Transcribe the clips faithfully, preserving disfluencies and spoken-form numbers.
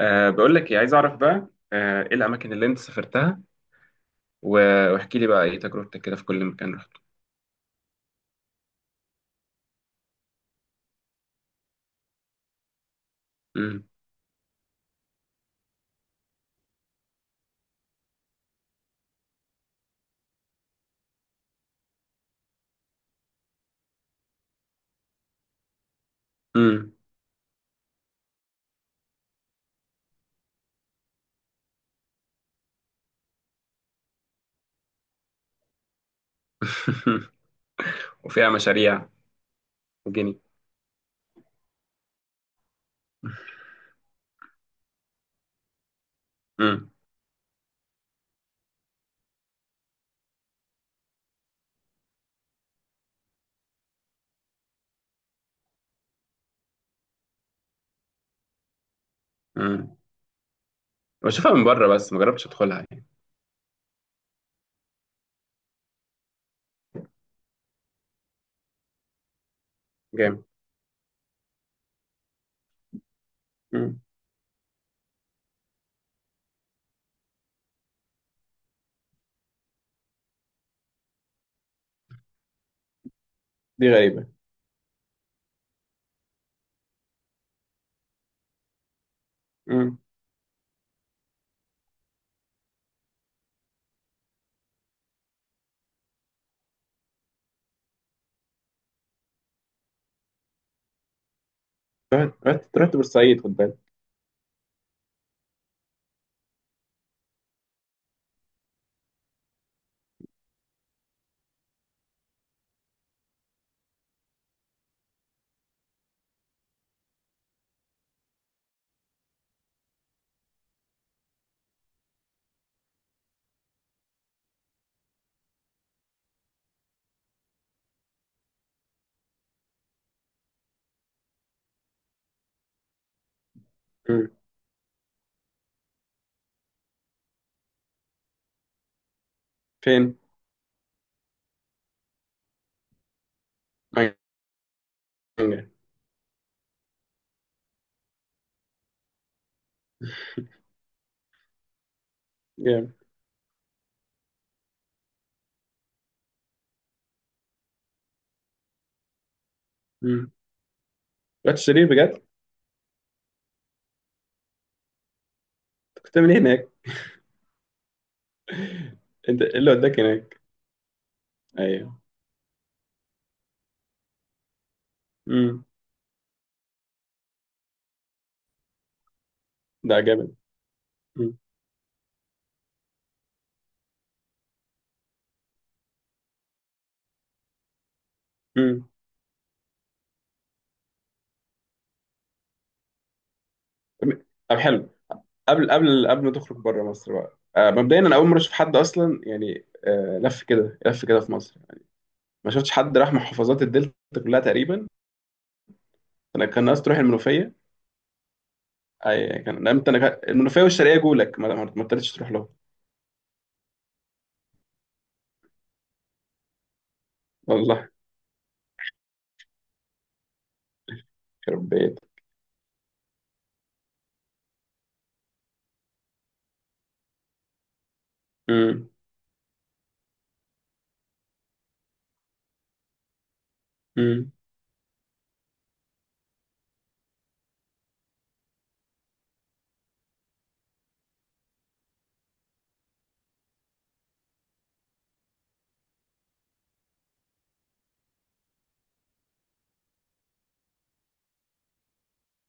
أه بقول لك إيه، عايز اعرف بقى آه، ايه الاماكن اللي انت سافرتها و- واحكي لي بقى ايه تجربتك كده في كل مكان رحته. امم. امم. وفيها مشاريع. وجني. امم. امم. بشوفها من بره بس ما جربتش ادخلها يعني. جامد. امم. دي غريبه. امم. رحت رحت رحت بورسعيد، خد بالك. امم. فين. مانجا. جامد. امم. رحت شرير بجد؟ كنت بتعمل ايه هناك؟ انت ايه اللي وداك هناك؟ ايوه. امم. ده جامد. امم. امم. طب حلو. قبل قبل قبل ما تخرج بره مصر بقى، آه، مبدئيا انا اول مره اشوف حد اصلا يعني، آه، لف كده لف كده في مصر. ما شفتش حد راح محافظات الدلتا كلها تقريبا. انا كان ناقص تروح المنوفيه. اي كان لا، انت انا كان- المنوفيه والشرقيه جولك ما ما ما قدرتش تروح لهم. والله. ربيت. امم. امم.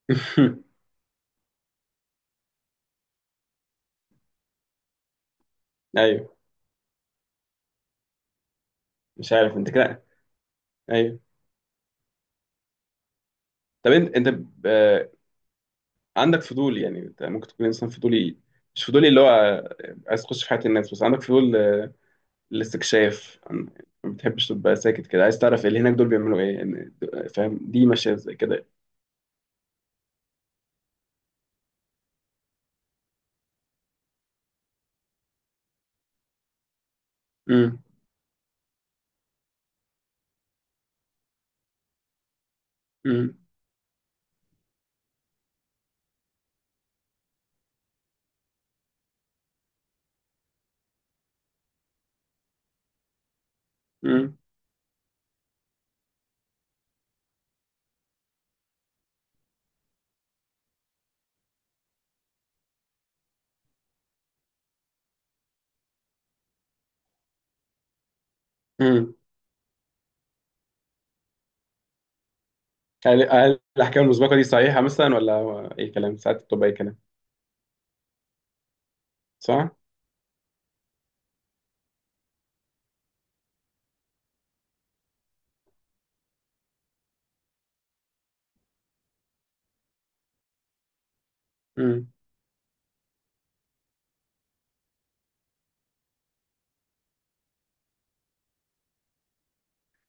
ايوه. مش عارف انت كده. ايوه. طب انت انت ب- آه، عندك فضول يعني. انت ممكن تكون انسان فضولي. مش فضولي اللي هو آه، عايز تخش في حياه الناس، بس عندك فضول الاستكشاف. أنا ما بتحبش تبقى ساكت كده، عايز تعرف اللي هناك دول بيعملوا ايه يعني. فاهم؟ دي ماشيه زي كده. امم. امم. امم. امم. هل هل الاحكام المسبقه دي صحيحه مثلا، ولا هو اي كلام، ساعات بتبقى اي كلام؟ صح. امم.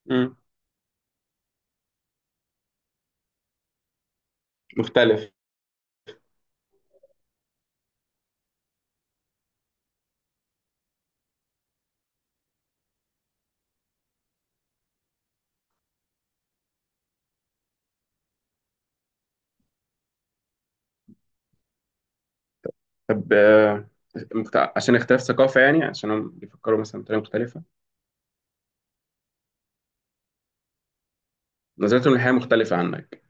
امم. مختلف. طب آه، مخت... عشان اختلاف ثقافه، يعني عشان هم بيفكروا مثلا بطريقه مختلفه. نظرتهم للحياه مختلفه عنك.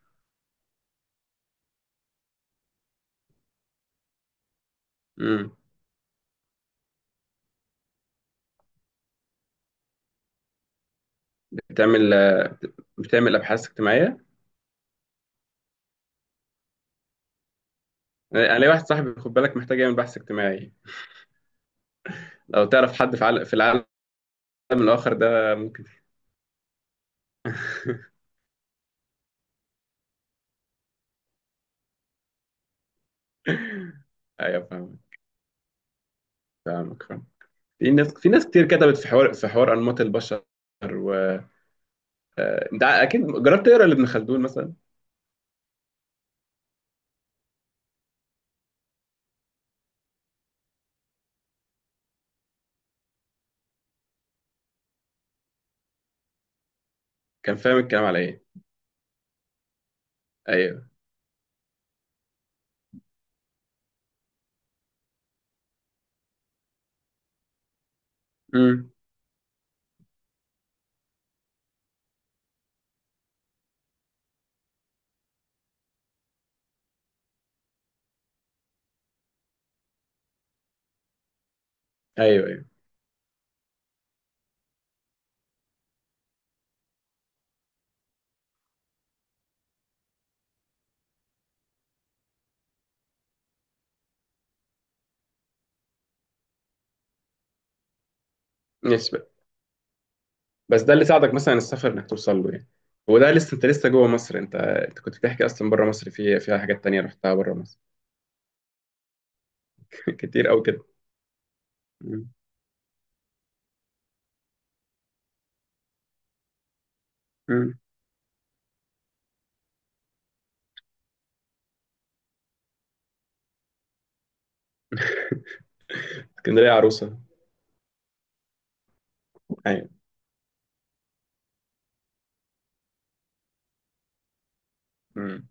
امم. بتعمل آه، بتعمل ابحاث اجتماعيه. انا أنا ليا واحد صاحبي، خد بالك، محتاج يعمل بحث اجتماعي. لو تعرف حد في عل- في العالم، من الآخر ده ممكن. أيوه، فاهمك. فاهمك فاهم. في ناس في ناس كتير كتبت في حوار في حوار أنماط البشر، و آه، أنت أكيد جربت تقرا لابن خلدون مثلا. كان فاهم الكلام على إيه. أيوه. امم. أيوه، أيوه. ماشي بقى. بس ده اللي ساعدك مثلا السفر، إنك توصل له يعني. وده لسه انت لسه جوه مصر. انت انت كنت بتحكي اصلا بره مصر؟ في فيها حاجات تانية رحتها بره مصر؟ كتير قوي كده. مم. مم. اسكندريه عروسه. ايوه. مم.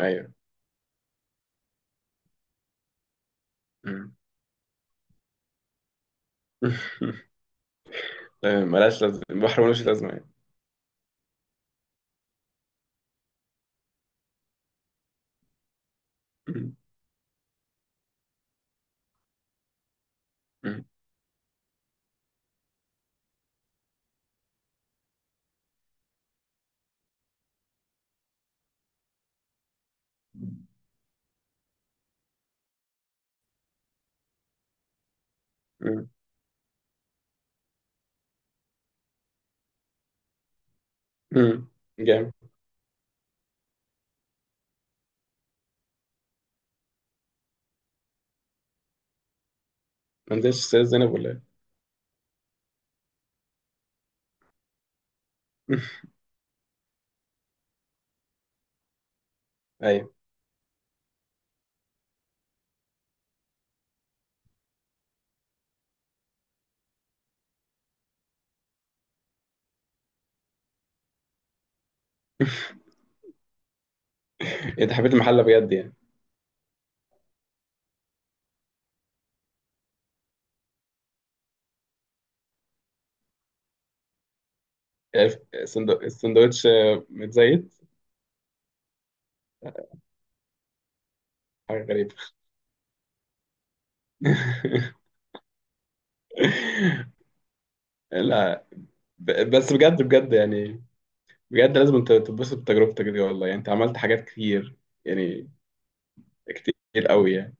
ايوه. مم. تمام، ملهاش لازمه البحر، ملوش لازمه يعني. مم. مم. مم. جامد. ما نزلتش استاذ زينب ولا ايه؟ ايوه. إيه، انت حبيت المحل بجد يعني؟ عرفت السندو- السندوتش متزيت. حاجه غريبه. لا. ب- بس بجد بجد يعني. بجد لازم انت تتبسط بتجربتك دي والله، يعني انت عملت حاجات كتير يعني. كتير قوي يعني.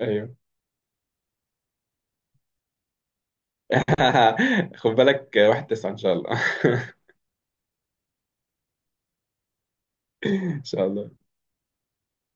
ايوه. خد بالك، واحد تسعة ان شاء الله. ان شاء الله.